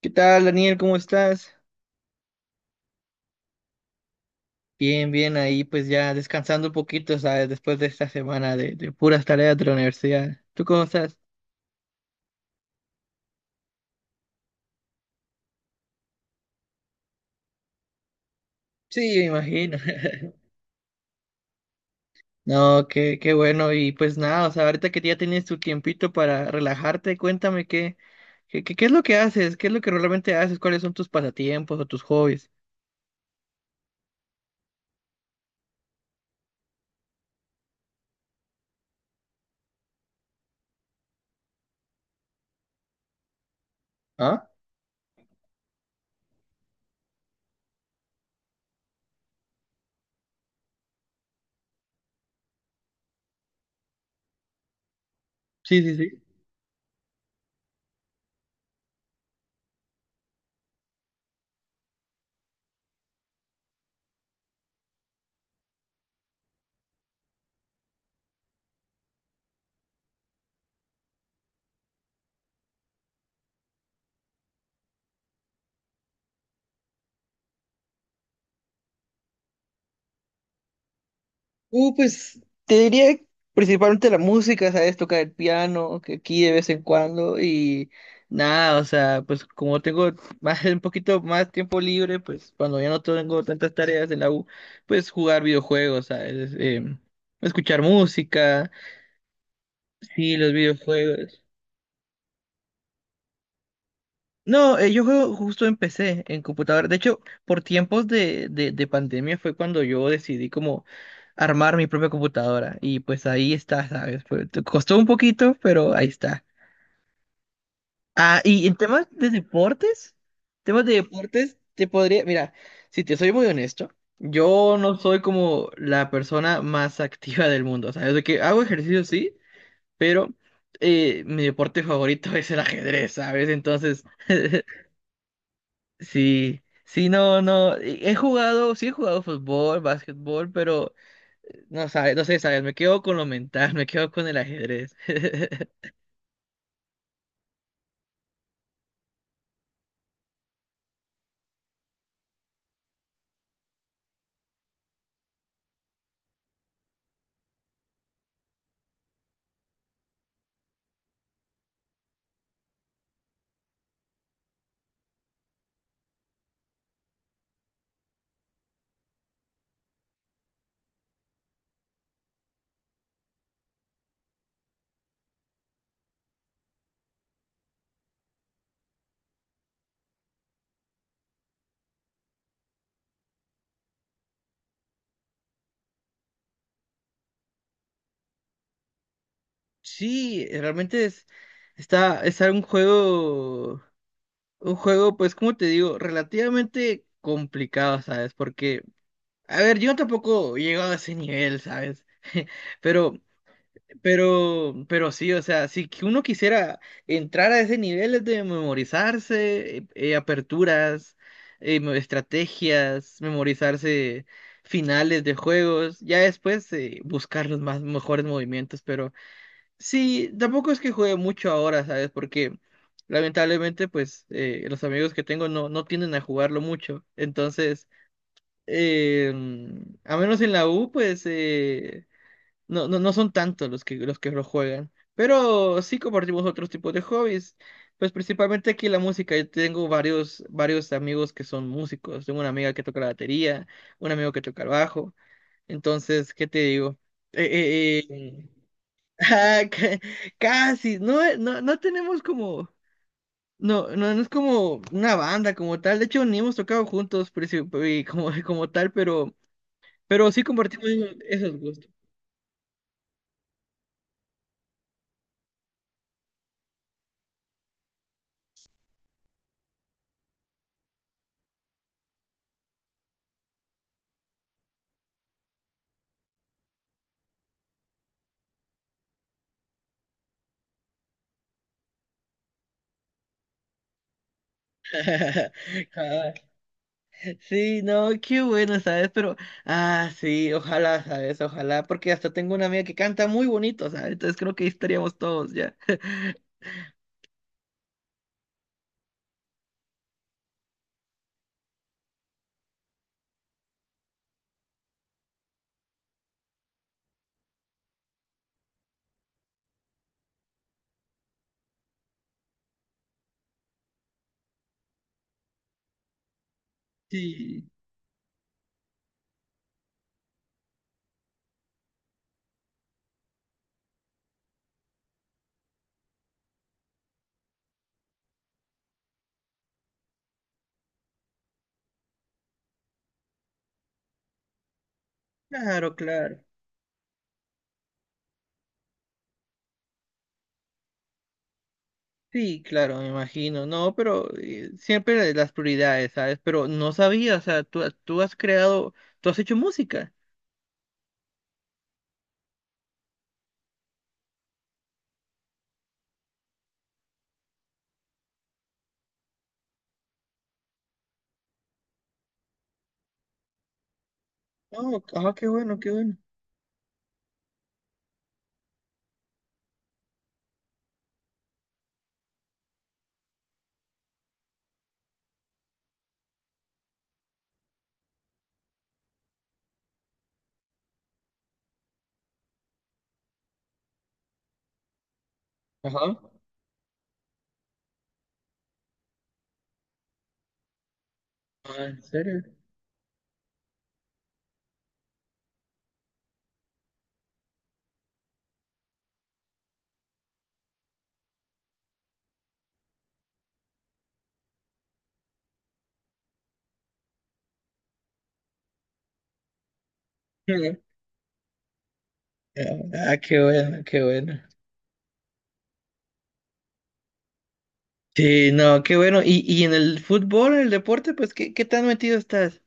¿Qué tal, Daniel? ¿Cómo estás? Bien, bien, ahí pues ya descansando un poquito, ¿sabes? Después de esta semana de puras tareas de la universidad. ¿Tú cómo estás? Sí, me imagino. No, qué bueno. Y pues nada, o sea, ahorita que ya tienes tu tiempito para relajarte, cuéntame qué es lo que haces, qué es lo que realmente haces, cuáles son tus pasatiempos o tus hobbies. ¿Ah? Sí, sí, sí. Pues te diría principalmente la música, ¿sabes? Tocar el piano, que aquí de vez en cuando y nada, o sea, pues como tengo más, un poquito más tiempo libre, pues cuando ya no tengo tantas tareas en la U, pues jugar videojuegos, ¿sabes? Escuchar música, sí, los videojuegos. No, yo juego justo empecé en computadora. De hecho, por tiempos de pandemia fue cuando yo decidí como armar mi propia computadora. Y pues ahí está, ¿sabes? Fue- te costó un poquito, pero ahí está. Ah, y en temas de deportes, te podría, mira, si te soy muy honesto, yo no soy como la persona más activa del mundo. O sea, de que hago ejercicio sí, pero mi deporte favorito es el ajedrez, ¿sabes? Entonces… Sí, sí, no, no, he jugado, sí he jugado fútbol, básquetbol, pero no sabes, no sé, sabes, me quedo con lo mental, me quedo con el ajedrez. Sí, realmente es, está, es un juego, pues, como te digo, relativamente complicado, ¿sabes? Porque, a ver, yo tampoco he llegado a ese nivel, ¿sabes? Pero pero sí, o sea, si que uno quisiera entrar a ese nivel de memorizarse, aperturas, estrategias, memorizarse finales de juegos, ya después buscar los más mejores movimientos, pero sí, tampoco es que juegue mucho ahora, ¿sabes? Porque lamentablemente, pues, los amigos que tengo no, no tienden a jugarlo mucho, entonces, eh, a menos en la U, pues… no, no, no son tantos los que lo juegan, pero sí compartimos otros tipos de hobbies. Pues principalmente aquí la música. Yo tengo varios, varios amigos que son músicos. Tengo una amiga que toca la batería, un amigo que toca el bajo. Entonces, ¿qué te digo? Eh, eh, eh, ah, casi, no, no, no tenemos como, no, no, no es como una banda como tal. De hecho, ni hemos tocado juntos y como, como tal, pero sí compartimos esos gustos. Sí, no, qué bueno, ¿sabes? Pero, ah, sí, ojalá, ¿sabes? Ojalá, porque hasta tengo una amiga que canta muy bonito, ¿sabes? Entonces creo que ahí estaríamos todos ya. Sí, claro, claro. Sí, claro, me imagino. No, pero siempre las prioridades, ¿sabes? Pero no sabía, o sea, tú has creado, tú has hecho música. Oh, ah, qué bueno, qué bueno. Ajá. Ah, ¿en serio? Ah, qué bueno, qué bueno. Sí, no, qué bueno. Y en el fútbol, en el deporte, pues, ¿qué, qué tan metido estás?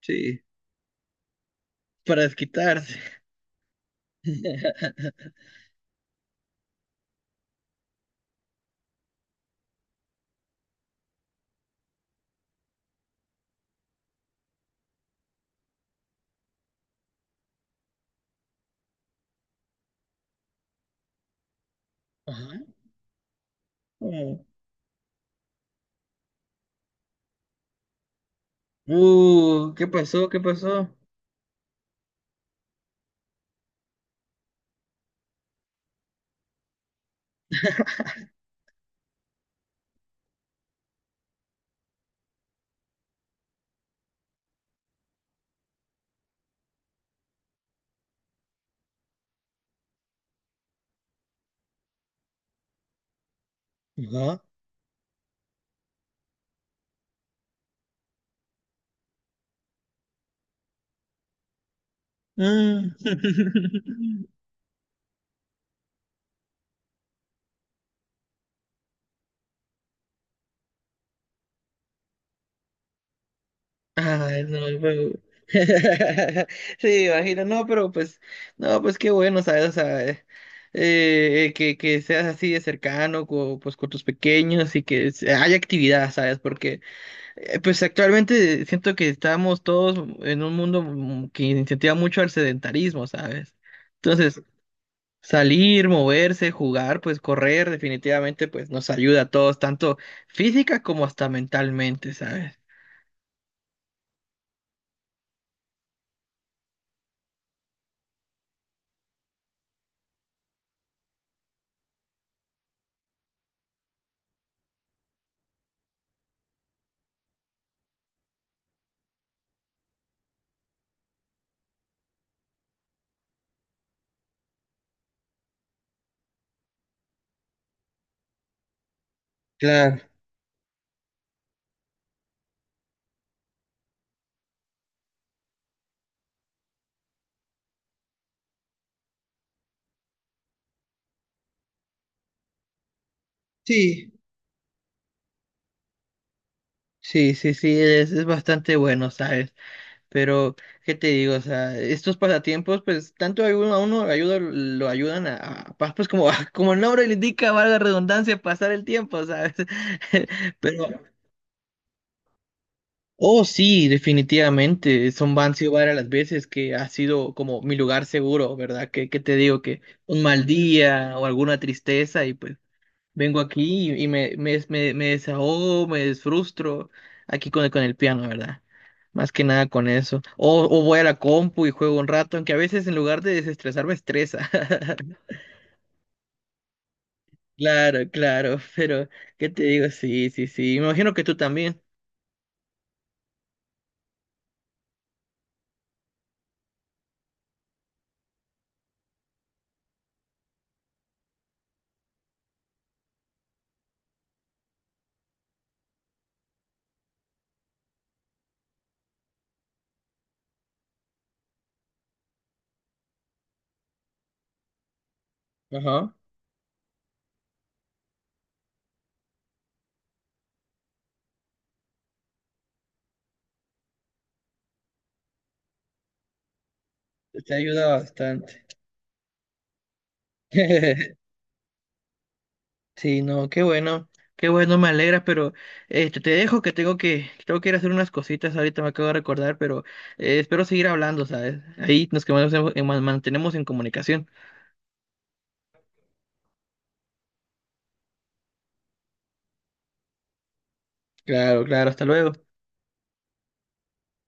Sí, para desquitarse. Ajá. Oh. ¿Qué pasó? ¿Qué pasó? Ajá. Mm. Ay, no, el juego. Sí, imagino, no, pero pues, no, pues qué bueno, ¿sabes? O sea, que seas así de cercano, pues con tus pequeños y que haya actividad, ¿sabes? Porque, pues actualmente siento que estamos todos en un mundo que incentiva mucho al sedentarismo, ¿sabes? Entonces, salir, moverse, jugar, pues correr, definitivamente, pues nos ayuda a todos, tanto física como hasta mentalmente, ¿sabes? Claro, sí, sí, sí, sí, es bastante bueno, ¿sabes? Pero, ¿qué te digo? O sea, estos pasatiempos, pues, tanto a uno ayuda, lo ayudan a, pues, como, como el nombre le indica, valga la redundancia, pasar el tiempo, ¿sabes? Pero oh, sí, definitivamente. Son, han sido varias las veces que ha sido como mi lugar seguro, ¿verdad? Que te digo que un mal día o alguna tristeza y pues vengo aquí y, me desahogo, me desfrustro aquí con el piano, ¿verdad? Más que nada con eso. O voy a la compu y juego un rato, aunque a veces en lugar de desestresar me estresa. Claro, claro, pero ¿qué te digo? Sí, sí, sí. Me imagino que tú también. Ajá. Te ayuda bastante. Sí, no, qué bueno, me alegra, pero este, te dejo que tengo que, tengo que ir a hacer unas cositas, ahorita me acabo de recordar, pero espero seguir hablando, ¿sabes? Ahí nos que mantenemos en comunicación. Claro, claro, hasta luego.